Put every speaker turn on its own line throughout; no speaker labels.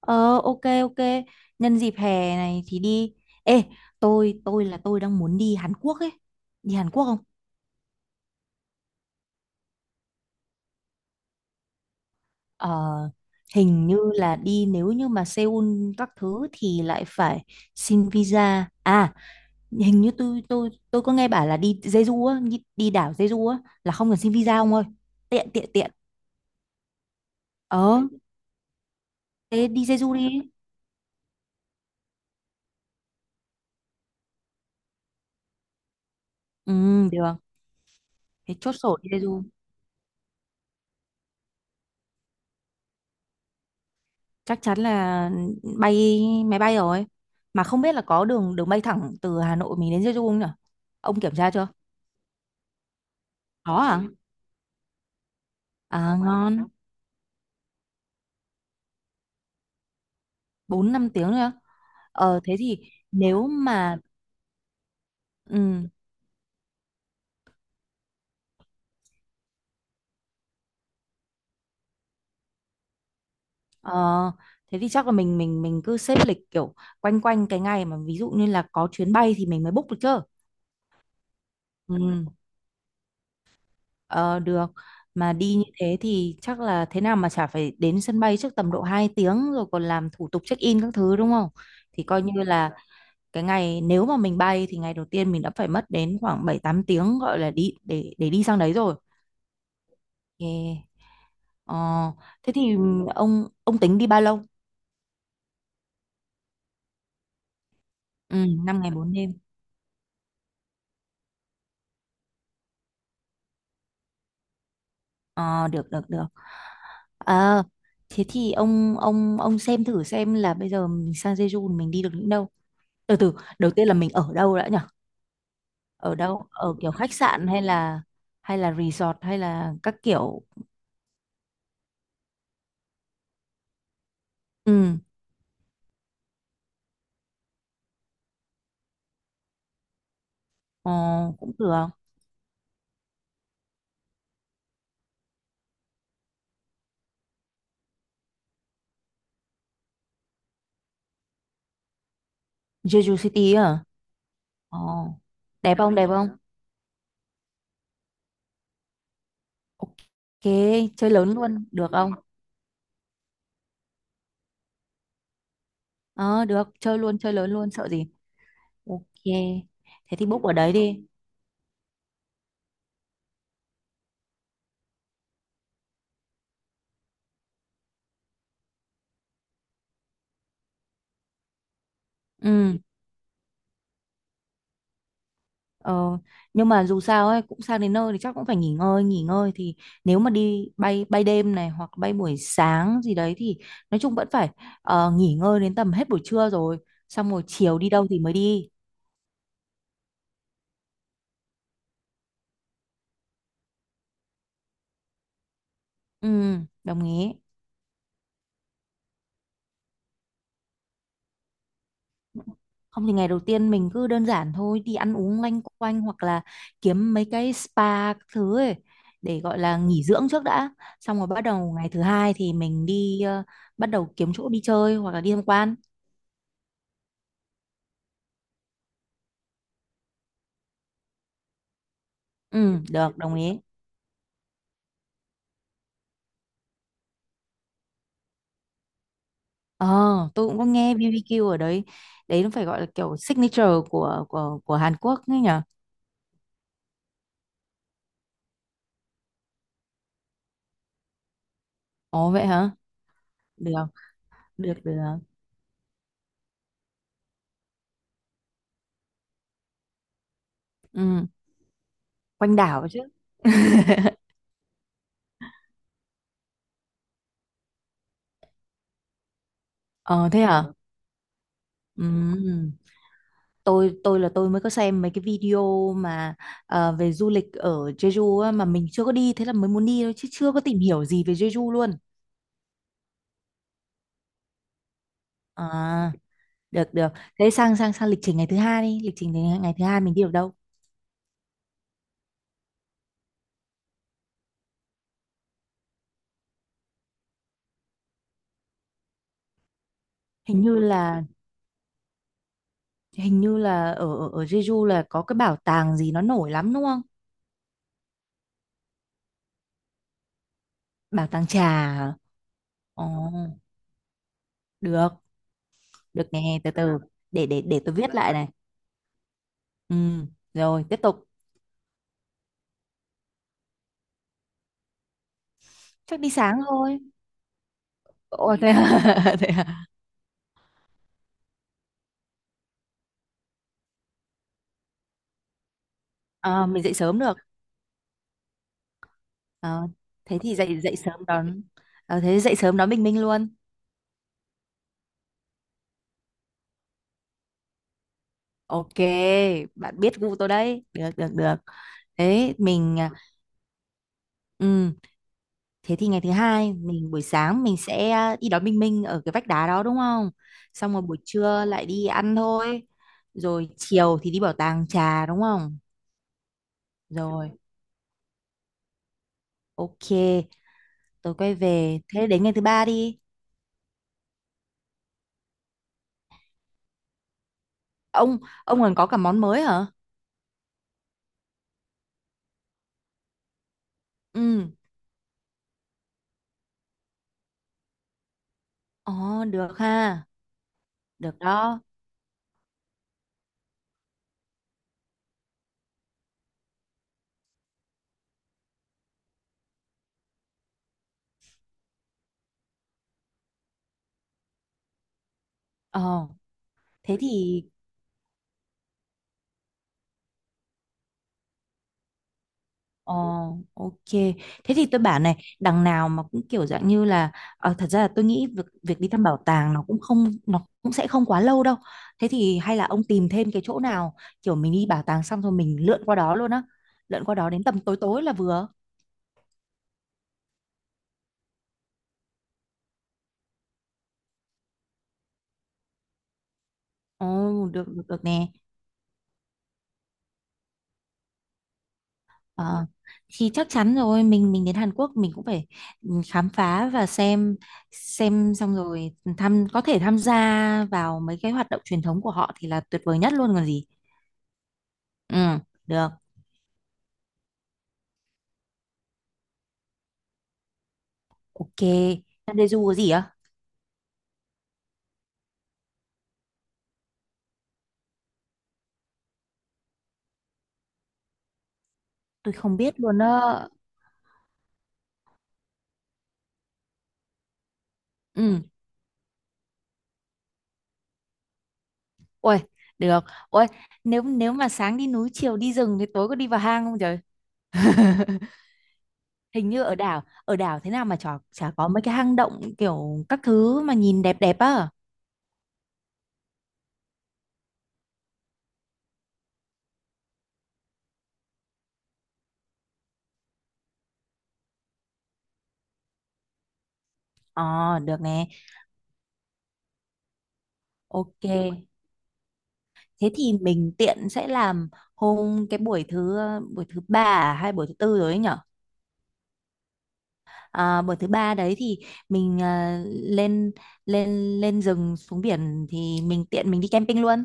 Ờ, ok ok Nhân dịp hè này thì đi. Ê, tôi đang muốn đi Hàn Quốc ấy. Đi Hàn Quốc không? Ờ, hình như là đi nếu như mà Seoul các thứ thì lại phải xin visa. À, hình như tôi có nghe bảo là đi Jeju á. Đi đảo Jeju á là không cần xin visa, ông ơi. Tiện tiện tiện Ờ, thế đi Jeju đi. Ừ, được. Thế chốt sổ đi Jeju, chắc chắn là bay máy bay rồi, mà không biết là có đường đường bay thẳng từ Hà Nội mình đến Jeju không nhỉ? Ông kiểm tra chưa? Có à? À ngon, bốn năm tiếng nữa. Ờ thế thì nếu mà ừ, ờ, thế thì chắc là mình cứ xếp lịch kiểu quanh quanh cái ngày mà ví dụ như là có chuyến bay thì mình mới book được chứ. Ừ. ờ, Được. Mà đi như thế thì chắc là thế nào mà chả phải đến sân bay trước tầm độ 2 tiếng rồi còn làm thủ tục check in các thứ, đúng không? Thì coi như là cái ngày nếu mà mình bay thì ngày đầu tiên mình đã phải mất đến khoảng 7 8 tiếng gọi là đi để đi sang đấy rồi. Yeah. Ờ, thế thì ông tính đi bao lâu? Ừ, 5 ngày bốn đêm. Ờ, được được được. Ờ, thế thì ông xem thử xem là bây giờ mình sang Jeju mình đi được những đâu. Từ từ, đầu tiên là mình ở đâu đã nhỉ? Ở đâu? Ở kiểu khách sạn hay là resort hay là các kiểu. Ừ, ờ, cũng được. Jeju City à? Ồ, đẹp không, đẹp không? Ok, chơi lớn luôn, được ừ. Không? Ờ, được, chơi luôn, chơi lớn luôn, sợ gì? Ok, thế thì book ở đấy đi. Ừ, ờ, nhưng mà dù sao ấy, cũng sang đến nơi thì chắc cũng phải nghỉ ngơi thì nếu mà đi bay bay đêm này hoặc bay buổi sáng gì đấy thì nói chung vẫn phải nghỉ ngơi đến tầm hết buổi trưa rồi, xong rồi chiều đi đâu thì mới đi. Ừ, đồng ý. Không thì ngày đầu tiên mình cứ đơn giản thôi, đi ăn uống loanh quanh hoặc là kiếm mấy cái spa các thứ ấy để gọi là nghỉ dưỡng trước đã. Xong rồi bắt đầu ngày thứ hai thì mình đi, bắt đầu kiếm chỗ đi chơi hoặc là đi tham quan. Ừ, được, đồng ý. Ờ, tôi cũng có nghe BBQ ở đấy. Đấy nó phải gọi là kiểu signature của Hàn Quốc ấy nhỉ? Ồ vậy hả? Được, được. Ừ, quanh đảo chứ. Ờ thế hả? Ừ. Tôi mới có xem mấy cái video mà về du lịch ở Jeju á, mà mình chưa có đi thế là mới muốn đi thôi chứ chưa có tìm hiểu gì về Jeju luôn. À, được được Thế sang sang sang lịch trình ngày thứ hai đi. Lịch trình ngày thứ hai mình đi ở đâu? hình như là Hình như là ở ở Jeju là có cái bảo tàng gì nó nổi lắm đúng không? Bảo tàng trà hả? Ồ, được. Được, nghe từ từ, để tôi viết lại này. Ừ, rồi tiếp tục. Chắc đi sáng thôi. Ồ thế à? Thế à? À, mình dậy sớm được. Ờ, thế thì dậy dậy sớm đón, thế dậy sớm đón Bình Minh luôn. Ok, bạn biết gu tôi đấy, được được được Thế mình, à, ừ, thế thì ngày thứ hai mình buổi sáng mình sẽ, à, đi đón Bình Minh ở cái vách đá đó đúng không? Xong rồi buổi trưa lại đi ăn thôi, rồi chiều thì đi bảo tàng trà đúng không? Rồi, ok. Tôi quay về, thế đến ngày thứ ba đi. Ông ông còn có cả món mới hả? Ừ. Ồ được ha. Được đó. Ờ. Thế thì ờ, ok. Thế thì tôi bảo này, đằng nào mà cũng kiểu dạng như là, ờ, thật ra là tôi nghĩ việc việc đi thăm bảo tàng nó cũng không, nó cũng sẽ không quá lâu đâu. Thế thì hay là ông tìm thêm cái chỗ nào kiểu mình đi bảo tàng xong rồi mình lượn qua đó luôn á. Lượn qua đó đến tầm tối tối là vừa. Ồ, được được được nè. Ờ, thì chắc chắn rồi, mình đến Hàn Quốc mình cũng phải, ừ, khám phá và xem. Xong rồi có thể tham gia vào mấy cái hoạt động truyền thống của họ thì là tuyệt vời nhất luôn còn gì. Ừ, được, ok. Nandeju có gì á? Tôi không biết luôn á. Ừ, ôi, được. Ôi, nếu nếu mà sáng đi núi, chiều đi rừng thì tối có đi vào hang không trời? Hình như ở đảo thế nào mà chả có mấy cái hang động kiểu các thứ mà nhìn đẹp đẹp á. Ờ, được nè. Ok. Thế thì mình tiện sẽ làm hôm cái buổi thứ ba, à, hay buổi thứ tư rồi ấy nhỉ? À, buổi thứ ba đấy thì mình, à, lên lên lên rừng xuống biển thì mình tiện mình đi camping luôn,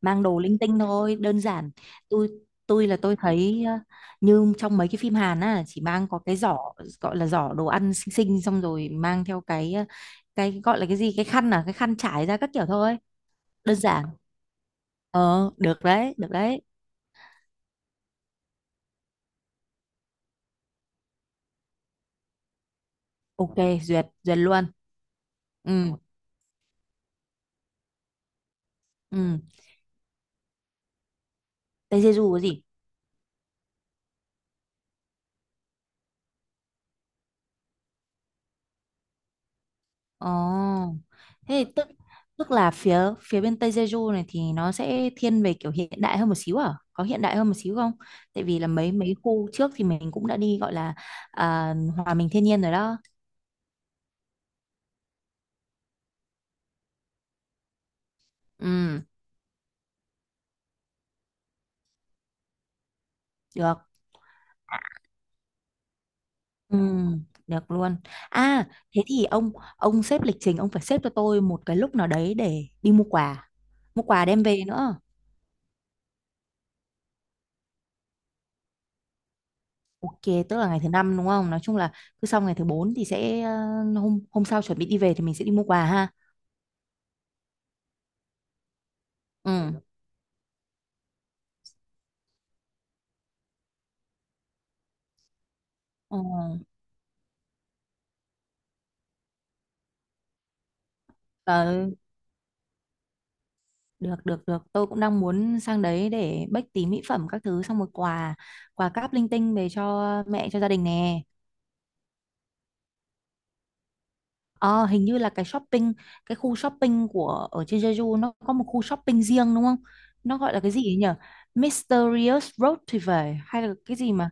mang đồ linh tinh thôi đơn giản. Tôi tôi là tôi thấy, à, như trong mấy cái phim Hàn á chỉ mang có cái giỏ, gọi là giỏ đồ ăn xinh xinh, xong rồi mang theo cái, à, cái gọi là cái gì, cái khăn, à, cái khăn trải ra các kiểu thôi, đơn giản. Ờ được đấy, được đấy, ok, duyệt duyệt luôn. Ừ. Ừ. Tây Jeju có gì? Ồ, thế thì tức tức là phía phía bên Tây Jeju này thì nó sẽ thiên về kiểu hiện đại hơn một xíu à? Có hiện đại hơn một xíu không? Tại vì là mấy mấy khu trước thì mình cũng đã đi gọi là, à, hòa mình thiên nhiên rồi đó. Ừ, được. Ừ, được luôn. À, thế thì ông xếp lịch trình, ông phải xếp cho tôi một cái lúc nào đấy để đi mua quà. Mua quà đem về nữa. Ok, tức là ngày thứ năm đúng không? Nói chung là cứ sau ngày thứ bốn thì sẽ, ờ, hôm hôm sau chuẩn bị đi về thì mình sẽ đi mua quà ha. Ừ. Ờ, ờ, được được được tôi cũng đang muốn sang đấy để bách tí mỹ phẩm các thứ xong một quà, quà cáp linh tinh về cho mẹ cho gia đình nè. Ờ, hình như là cái shopping, cái khu shopping của ở trên Jeju nó có một khu shopping riêng đúng không? Nó gọi là cái gì ấy nhỉ? Mysterious Road thì phải, hay là cái gì mà,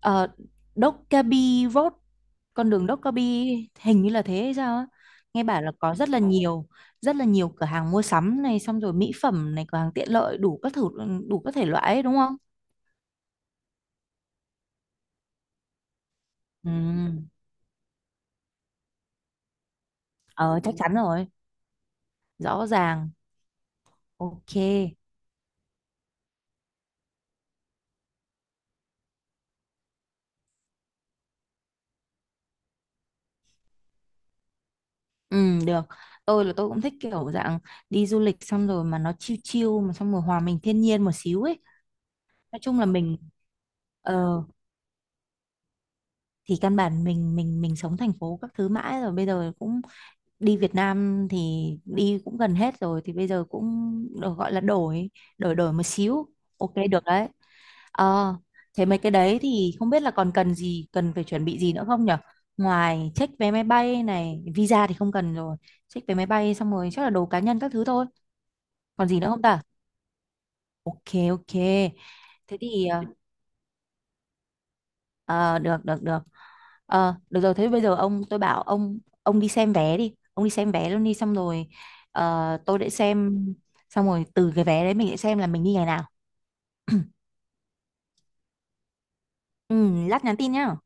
ờ, Dokkaebi Road, con đường Dokkaebi, hình như là thế hay sao á. Nghe bảo là có rất là nhiều cửa hàng mua sắm này, xong rồi mỹ phẩm này, cửa hàng tiện lợi đủ các thử, đủ các thể loại ấy, đúng không? Ừ. Ờ chắc chắn rồi, rõ ràng. Ok. Ừ được. Tôi là tôi cũng thích kiểu dạng đi du lịch xong rồi mà nó chill chill mà xong rồi hòa mình thiên nhiên một xíu ấy. Nói chung là mình, ờ, thì căn bản mình sống thành phố các thứ mãi rồi, bây giờ cũng đi Việt Nam thì đi cũng gần hết rồi thì bây giờ cũng được gọi là đổi, đổi một xíu. Ok được đấy. Ờ, thế mấy cái đấy thì không biết là còn cần gì, cần phải chuẩn bị gì nữa không nhở? Ngoài check vé máy bay này visa thì không cần rồi. Check vé máy bay xong rồi chắc là đồ cá nhân các thứ thôi. Còn gì nữa không ta? Ok. Ok. Thế thì ờ, ờ, được được được Ờ, được rồi thế bây giờ ông, tôi bảo ông đi xem vé đi, ông đi xem vé luôn đi, xong rồi, ờ, tôi để xem. Xong rồi từ cái vé đấy mình sẽ xem là mình đi ngày nào. Ừ, lát nhắn tin nhá.